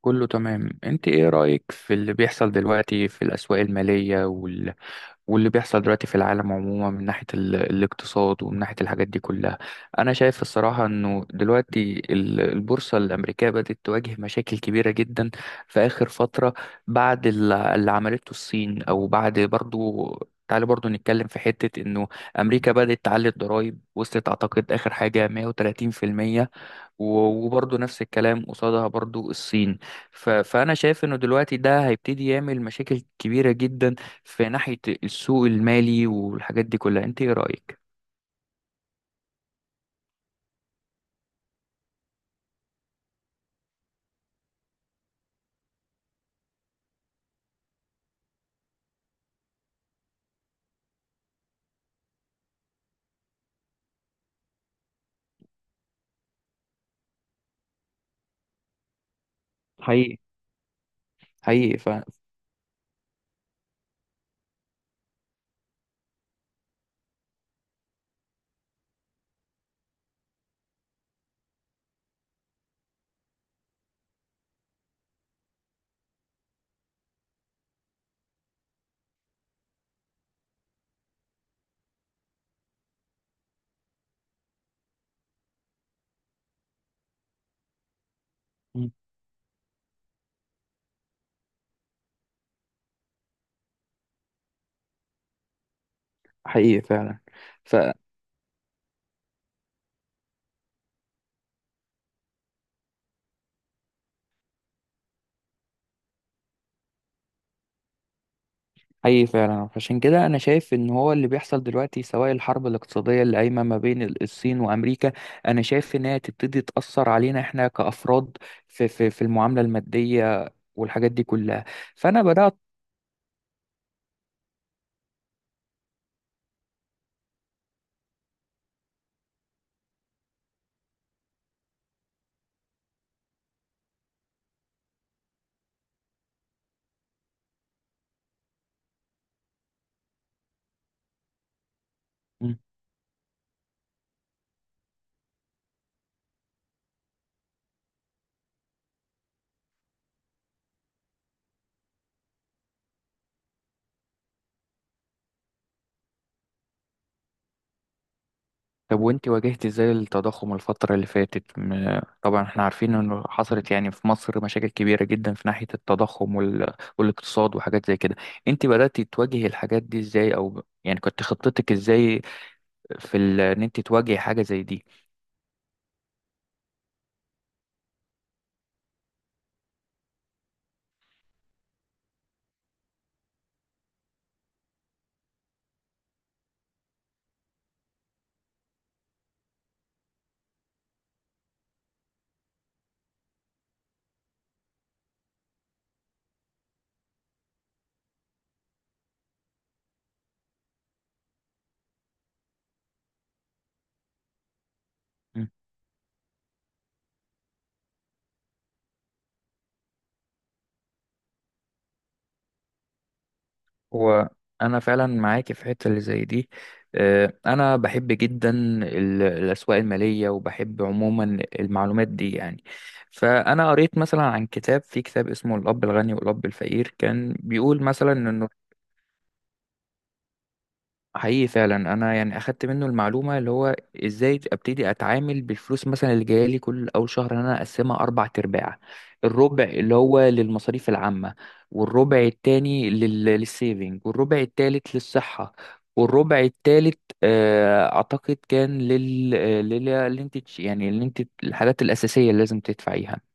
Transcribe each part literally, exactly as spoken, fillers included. كله تمام، انت ايه رأيك في اللي بيحصل دلوقتي في الأسواق المالية وال... واللي بيحصل دلوقتي في العالم عموما من ناحية ال... الاقتصاد ومن ناحية الحاجات دي كلها. انا شايف الصراحة انه دلوقتي ال- البورصة الأمريكية بدأت تواجه مشاكل كبيرة جدا في آخر فترة، بعد ال- اللي عملته الصين، او بعد برضو. تعالى برضو نتكلم في حتة انه امريكا بدأت تعلي الضرائب، وصلت اعتقد اخر حاجة مئة وثلاثين في المئة، و- وبرضه نفس الكلام قصادها برضه الصين. ف- فأنا شايف إنه دلوقتي ده هيبتدي يعمل مشاكل كبيرة جدا في ناحية السوق المالي والحاجات دي كلها. أنت إيه رأيك؟ حقيقي، حقيقي. ف... مم. حقيقي فعلا. ف... حقيقي فعلا، عشان كده أنا شايف إن هو اللي بيحصل دلوقتي، سواء الحرب الاقتصادية اللي قايمة ما بين ال- الصين وأمريكا، أنا شايف إن هي تبتدي تأثر علينا إحنا كأفراد في في في المعاملة المادية والحاجات دي كلها. فأنا بدأت. طب وانت واجهت ازاي التضخم الفترة اللي فاتت؟ م- طبعا احنا عارفين انه حصلت يعني في مصر مشاكل كبيرة جدا في ناحية التضخم وال... والاقتصاد وحاجات زي كده. انت بدأتي تواجهي الحاجات دي ازاي، او يعني كنت خطتك ازاي في ال... ان انت تواجهي حاجة زي دي؟ هو انا فعلا معاك في حته اللي زي دي. آه، انا بحب جدا ال- الاسواق الماليه وبحب عموما المعلومات دي يعني. فانا قريت مثلا عن كتاب، في كتاب اسمه الاب الغني والاب الفقير، كان بيقول مثلا انه... حقيقي فعلا، انا يعني اخدت منه المعلومه اللي هو ازاي ابتدي اتعامل بالفلوس مثلا اللي جايه لي كل اول شهر، ان انا اقسمها اربع ارباع. الربع اللي هو للمصاريف العامه، والربع التاني لل... للسيفنج، والربع التالت للصحه، والربع التالت آه، اعتقد كان لل آه، لل اللي انت تش- يعني اللي انت الحاجات الاساسيه اللي لازم تدفعيها.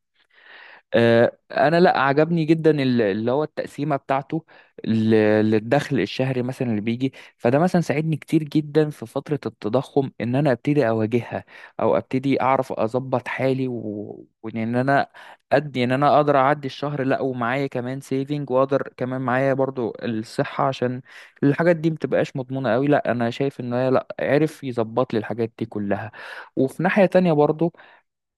آه، انا، لا، عجبني جدا ال- اللي هو التقسيمه بتاعته، ل- للدخل الشهري مثلا اللي بيجي. فده مثلا ساعدني كتير جدا في فتره التضخم، ان انا ابتدي اواجهها، او ابتدي اعرف اظبط حالي و- وان انا ادي ان انا اقدر اعدي الشهر، لا ومعايا كمان سيفنج، واقدر كمان معايا برضو الصحه، عشان الحاجات دي متبقاش مضمونه قوي. لا انا شايف ان هي، لا، عرف يظبط لي الحاجات دي كلها. وفي ناحيه تانية برضو،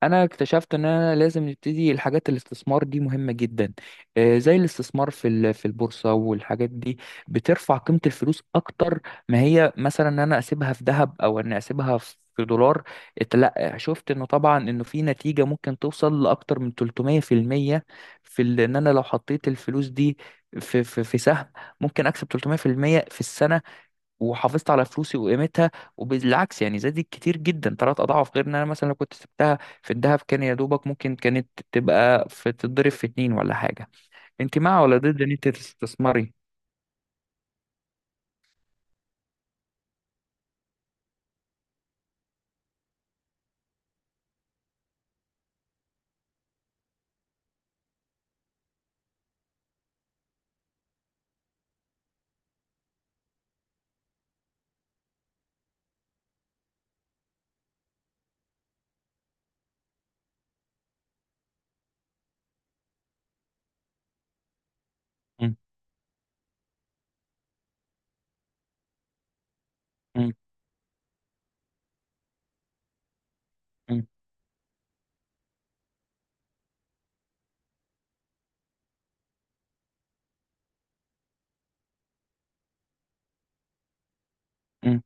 انا اكتشفت ان انا لازم نبتدي الحاجات الاستثمار دي مهمة جدا. آه، زي الاستثمار في ال- في البورصة والحاجات دي، بترفع قيمة الفلوس اكتر ما هي مثلا ان انا اسيبها في ذهب، او ان اسيبها في في دولار. إت- لا، شفت انه طبعا انه في نتيجة ممكن توصل لاكتر من تلتمية في المية في المية، في ال- ان انا لو حطيت الفلوس دي في في في سهم ممكن اكسب تلتمية في المية في المية في السنة، وحافظت على فلوسي وقيمتها. وبالعكس يعني زادت كتير جدا، ثلاث اضعاف، غير ان انا مثلا لو كنت سبتها في الذهب كان يا دوبك ممكن كانت تبقى، في تتضرب في اتنين ولا حاجه. انت مع ولا ضد ان انت تستثمري؟ م- م- م- م-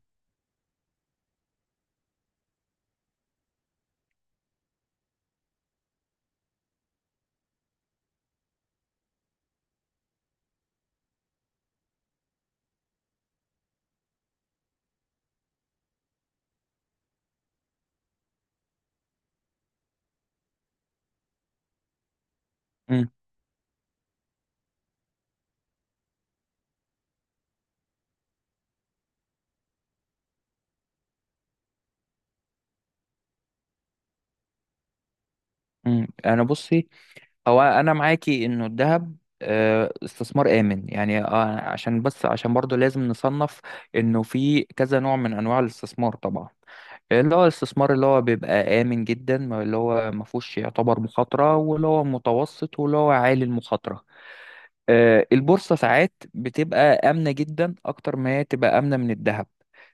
م- م. انا بصي، هو انا معاكي انه الذهب آه، استثمار آمن يعني. آه، عشان بس، عشان برضه لازم نصنف انه في كذا نوع من انواع الاستثمار طبعا، اللي هو الاستثمار اللي هو بيبقى آمن جدا، ما- اللي هو ما فيهوش يعتبر مخاطرة، واللي هو متوسط، واللي هو عالي المخاطرة. آه، البورصة ساعات بتبقى آمنة جدا، أكتر ما هي تبقى آمنة من الذهب،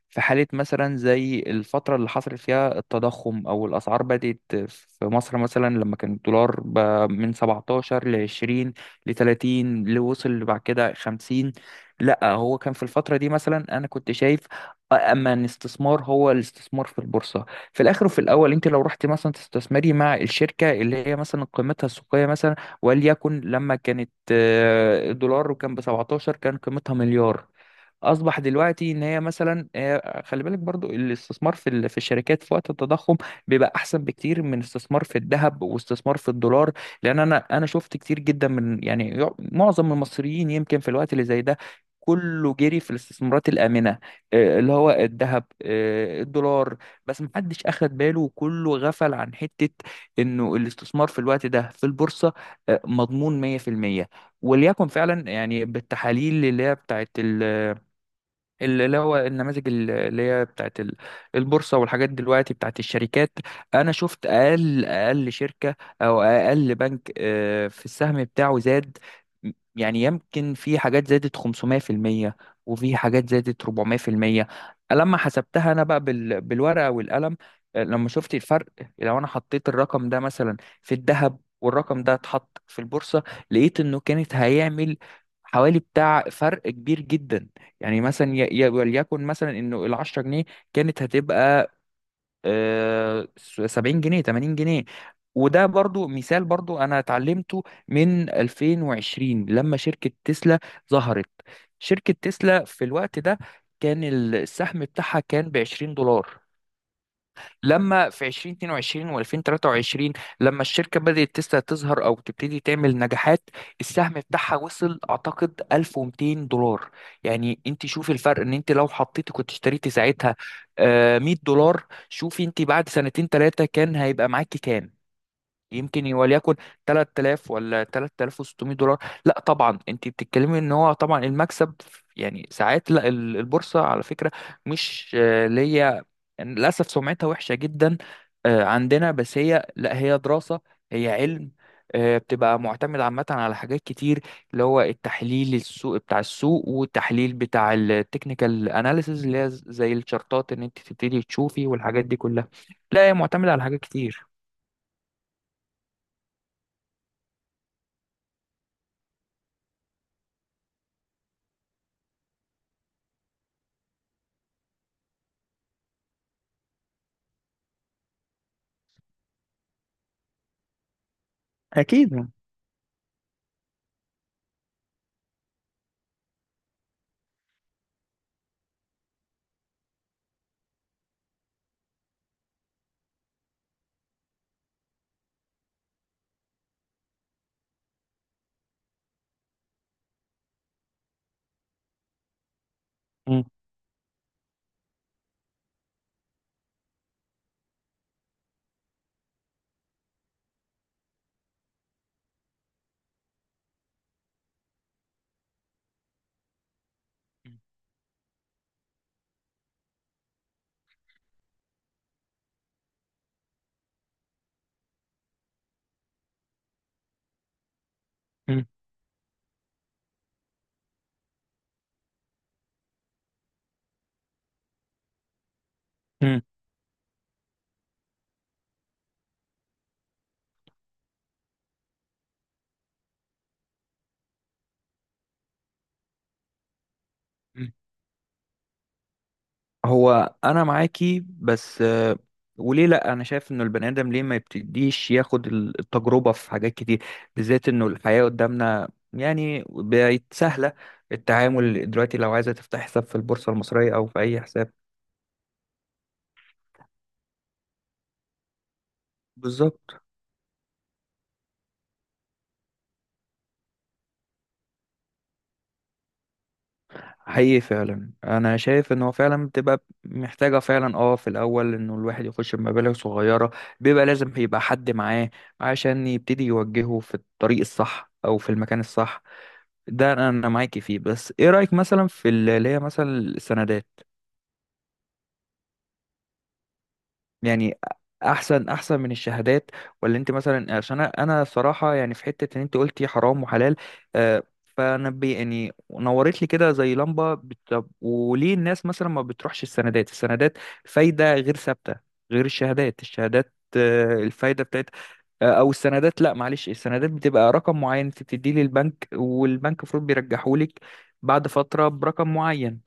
في حالة مثلا زي الفترة اللي حصل فيها التضخم أو الأسعار بدأت. في مصر مثلا لما كان الدولار ب-، من سبعتاشر ل عشرين ل تلاتين، لوصل بعد كده خمسين. لا، هو كان في الفترة دي مثلا أنا كنت شايف أما الاستثمار هو الاستثمار في البورصة. في الآخر وفي الأول، أنت لو رحت مثلا تستثمري مع الشركة اللي هي مثلا قيمتها السوقية وليكن لما كانت آه، دولار وكان ب سبعتاشر كان قيمتها مليار، اصبح دلوقتي ان هي مثلا... آه، خلي بالك برضو الاستثمار في ال- في الشركات في وقت التضخم بيبقى احسن بكتير من استثمار في الذهب واستثمار في الدولار. لان انا انا شفت كتير جدا من يعني يع- معظم المصريين يمكن في الوقت اللي زي ده كله جري في الاستثمارات الآمنة، آه، اللي هو الذهب، آه، الدولار. بس محدش أخد باله، وكله غفل عن حتة إنه الاستثمار في الوقت ده في البورصة آه، مضمون مية في المية. وليكن فعلا يعني بالتحاليل اللي هي بتاعت، اللي هو النماذج ال- اللي هي بتاعت ال- البورصة، والحاجات دلوقتي بتاعت الشركات. أنا شفت أقل أقل شركة أو أقل بنك آه، في السهم بتاعه زاد. م- يعني يمكن في حاجات زادت خمسمية في المية، وفي حاجات زادت اربعمية في المية. لما حسبتها أنا بقى بال- بالورقة والقلم، آه، لما شفت الفرق. لو أنا حطيت الرقم ده مثلا في الذهب والرقم ده اتحط في البورصة، لقيت إنه كانت هيعمل حوالي بتاع فرق كبير جدا. يعني مثلا ي- ي- وليكن مثلا انه ال عشرة جنيه كانت هتبقى آه، س- سبعين جنيه، تمانين جنيه. وده برضو مثال، برضو انا اتعلمته من الفين وعشرين لما شركة تسلا ظهرت. شركة تسلا في الوقت ده كان السهم بتاعها كان ب عشرين دولار. لما في الفين واتنين وعشرين و2023 لما الشركة بدأت تسا تظهر أو تبتدي تعمل نجاحات، السهم بتاعها وصل أعتقد الف ومتين دولار. يعني أنت شوفي الفرق، إن أنت لو حطيتي كنت اشتريتي ساعتها آه، مئة دولار، شوفي أنت بعد سنتين ثلاثة كان هيبقى معاكي كام؟ يمكن وليكن تلات الاف ولا تلات الاف وستمية دولار. لا طبعا انت بتتكلمي ان هو طبعا المكسب يعني ساعات. لا، ال- البورصه على فكره مش آه، اللي هي، للاسف سمعتها وحشه جدا آه، عندنا. بس هي، لا، هي دراسه، هي علم. آه، بتبقى معتمد عامة على حاجات كتير، اللي هو التحليل السوق بتاع السوق والتحليل بتاع التكنيكال اناليسز اللي هي زي الشارتات ان انت تبتدي تشوفي والحاجات دي كلها. لا هي معتمدة على حاجات كتير. اكيد يعني. مم. مم. مم. هو انا معاكي بس، آه، وليه لا، انا شايف انه البني ادم ليه ما يبتديش ياخد ال- التجربه في حاجات كتير، بالذات انه الحياه قدامنا يعني بقت سهله، التعامل دلوقتي لو عايزه تفتح حساب في البورصه المصريه او في اي حساب. بالظبط. حقيقي فعلا انا شايف ان هو فعلا بتبقى محتاجه فعلا، اه، في الاول انه الواحد يخش بمبالغ صغيره، بيبقى لازم يبقى حد معاه عشان يبتدي يوجهه في الطريق الصح او في المكان الصح. ده انا، أنا معاكي فيه. بس ايه رايك مثلا في ال- اللي هي مثلا السندات؟ يعني احسن، احسن من الشهادات، ولا انت مثلا؟ عشان انا، أنا صراحه يعني في حته ان انت قلتي حرام وحلال، آه، فانا بي يعني نورت لي كده زي لمبه. بت- طب وليه الناس مثلا ما بتروحش السندات؟ السندات فايده غير ثابته، غير الشهادات. الشهادات آه، الفايده بتاعتها آه، او السندات، لا معلش، السندات بتبقى رقم معين انت بتديه للبنك، والبنك المفروض بيرجحه لك بعد فتره برقم معين.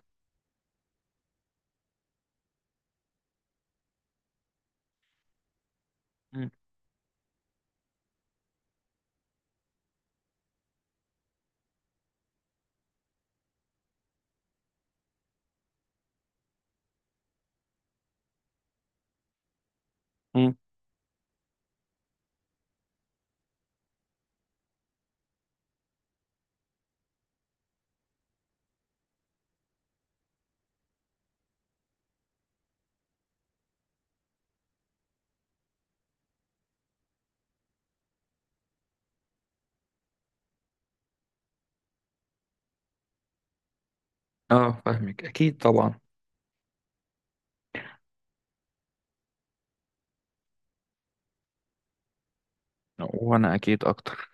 مم. اه فاهمك اكيد طبعا. وانا اكيد اكتر.